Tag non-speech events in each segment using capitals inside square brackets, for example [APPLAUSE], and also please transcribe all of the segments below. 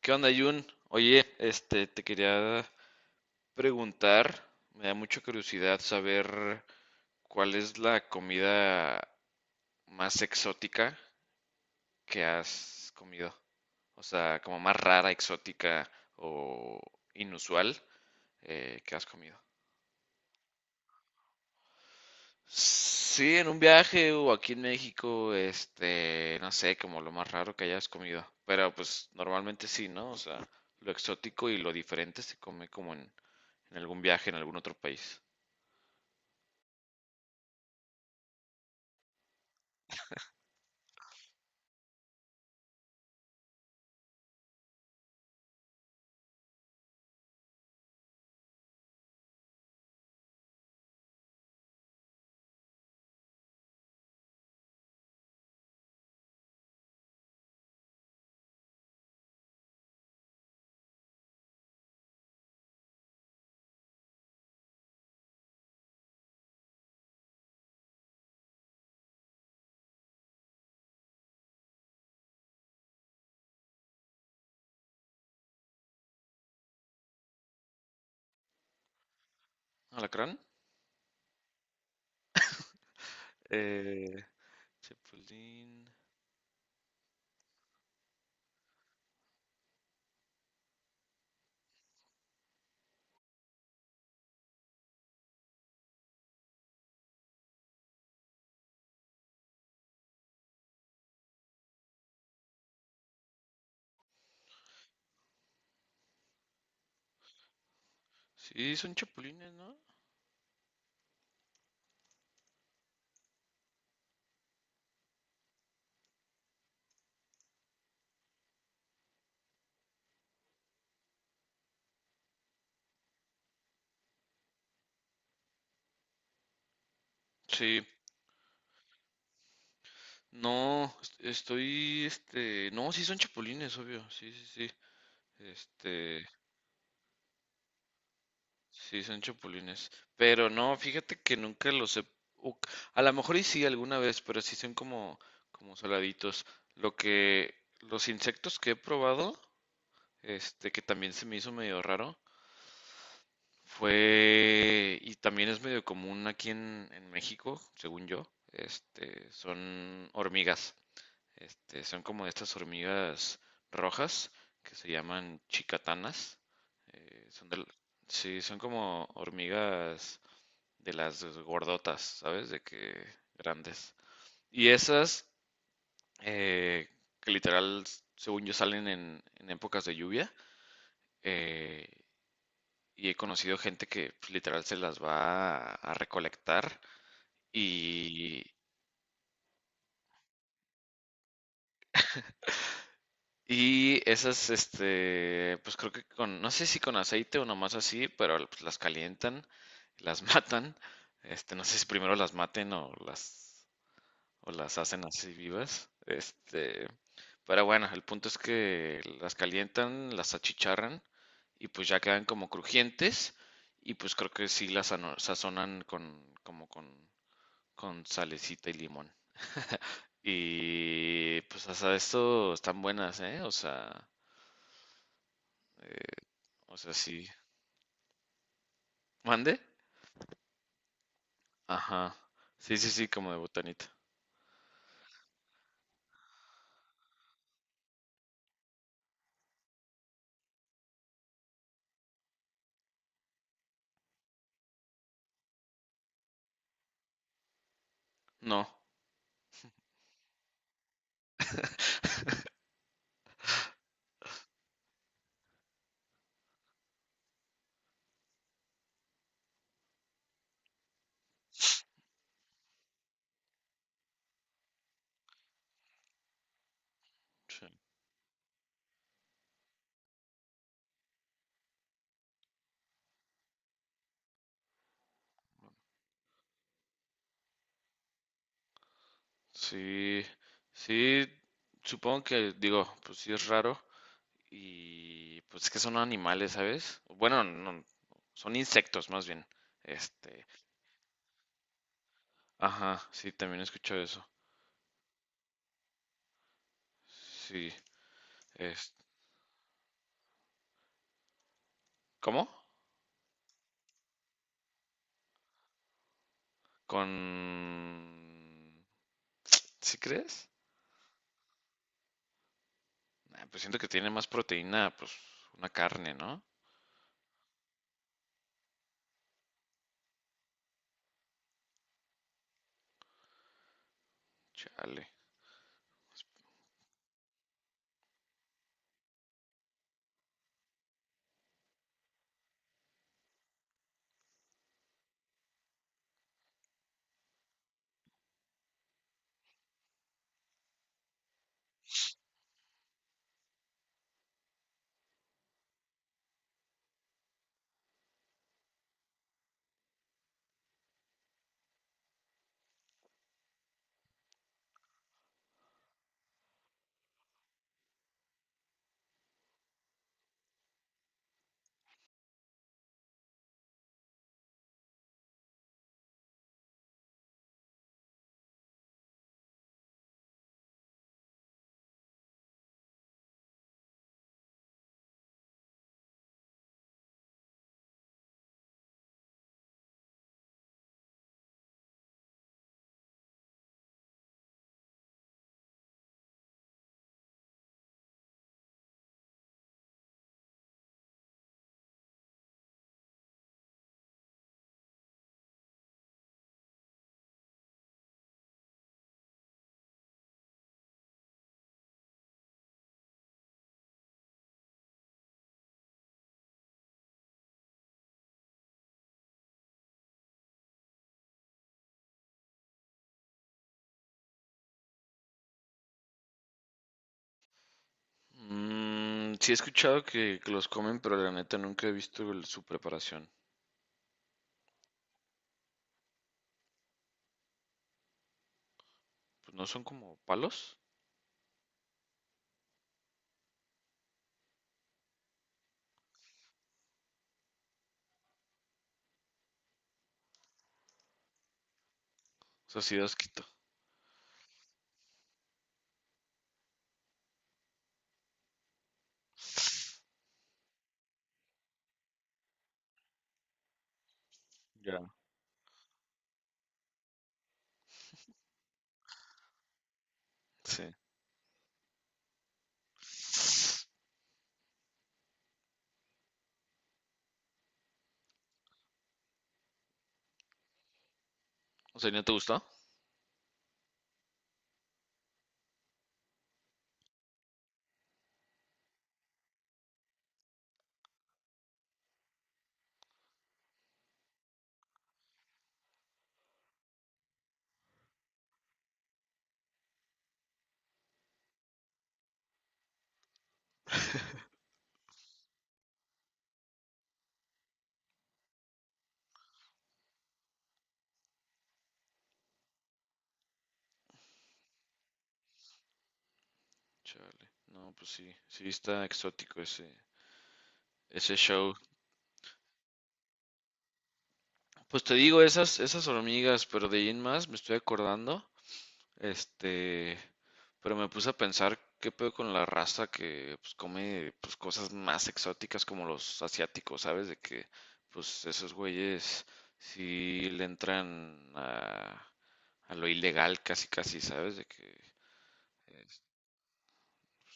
¿Qué onda, Jun? Oye, te quería preguntar, me da mucha curiosidad saber cuál es la comida más exótica que has comido. O sea, como más rara, exótica o inusual que has comido. Sí, en un viaje o aquí en México, no sé, como lo más raro que hayas comido. Pero pues normalmente sí, ¿no? O sea, lo exótico y lo diferente se come como en algún viaje en algún otro país. Alacrán. Eh, chapulín. Sí, son chapulines, ¿no? Sí. No, estoy, no, sí son chapulines, obvio, sí, este, sí son chapulines, pero no, fíjate que nunca los he, o- a lo mejor y sí alguna vez, pero sí son como, como saladitos, lo que, los insectos que he probado, que también se me hizo medio raro. Fue, y también es medio común aquí en México, según yo, son hormigas, son como estas hormigas rojas que se llaman chicatanas, eh, son del, sí, son como hormigas de las gordotas, ¿sabes? De que grandes. Y esas, eh, que literal, según yo, salen en épocas de lluvia, eh, y he conocido gente que pues, literal se las va a recolectar y, y esas, pues creo que con, no sé si con aceite o nomás así, pero pues, las calientan, las [LAUGHS] matan, no sé si primero las maten o las hacen así vivas, pero bueno, el punto es que las calientan, las achicharran y pues ya quedan como crujientes y pues creo que sí las sazonan con, como con salecita y limón. Y pues hasta esto están buenas, ¿eh? O sea, sí. ¿Mande? Ajá. Sí, sí, sí, como de botanita. No. [LAUGHS] Sí, sí, sí, supongo que digo, pues sí es raro y pues es que son animales, ¿sabes? Bueno, no, son insectos más bien. Este, ajá, sí, también escucho eso. Sí, es, ¿cómo? Con. ¿Sí crees? Ah, pues siento que tiene más proteína, pues una carne, ¿no? Chale. Mm, sí he escuchado que los comen, pero la neta nunca he visto su preparación. Pues no son como palos. O sea, sí da asquito. Ya. Sí. O sea, ¿y no te gustó? Chale. No, pues sí, sí está exótico ese, ese show. Pues te digo, esas, esas hormigas, pero de ahí en más me estoy acordando. Este, pero me puse a pensar qué pedo con la raza que pues, come pues, cosas más exóticas como los asiáticos, ¿sabes? De que pues esos güeyes sí le entran a lo ilegal casi casi, ¿sabes? De que es-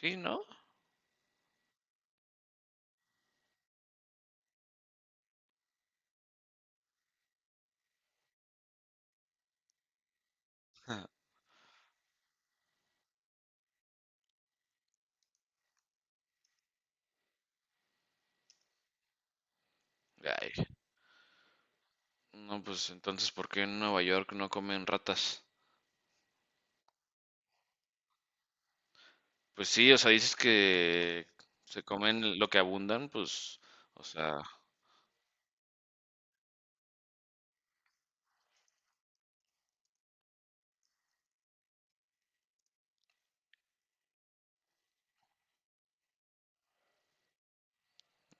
sí, ¿no? Ay, no, pues entonces ¿por qué en Nueva York no comen ratas? Pues sí, o sea, dices que se comen lo que abundan, pues, o sea,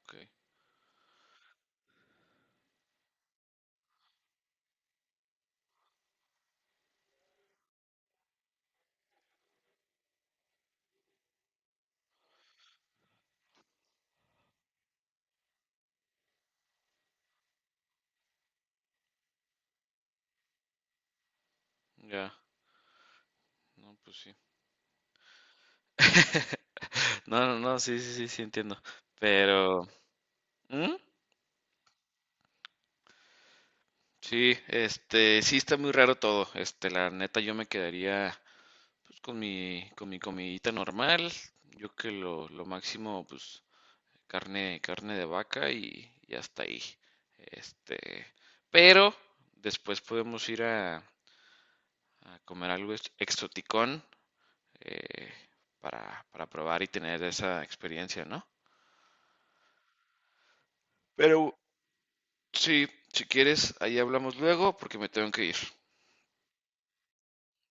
ok, ya, no, pues sí. No, no, no, sí, sí, sí, sí entiendo. Pero, ¿mm? Sí, sí está muy raro todo. La neta, yo me quedaría pues, con mi comidita normal. Yo que lo máximo, pues, carne, carne de vaca y hasta ahí. Este, pero después podemos ir a comer algo exoticón eh, para probar y tener esa experiencia, ¿no? Pero sí, si quieres, ahí hablamos luego porque me tengo que ir.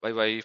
Bye bye.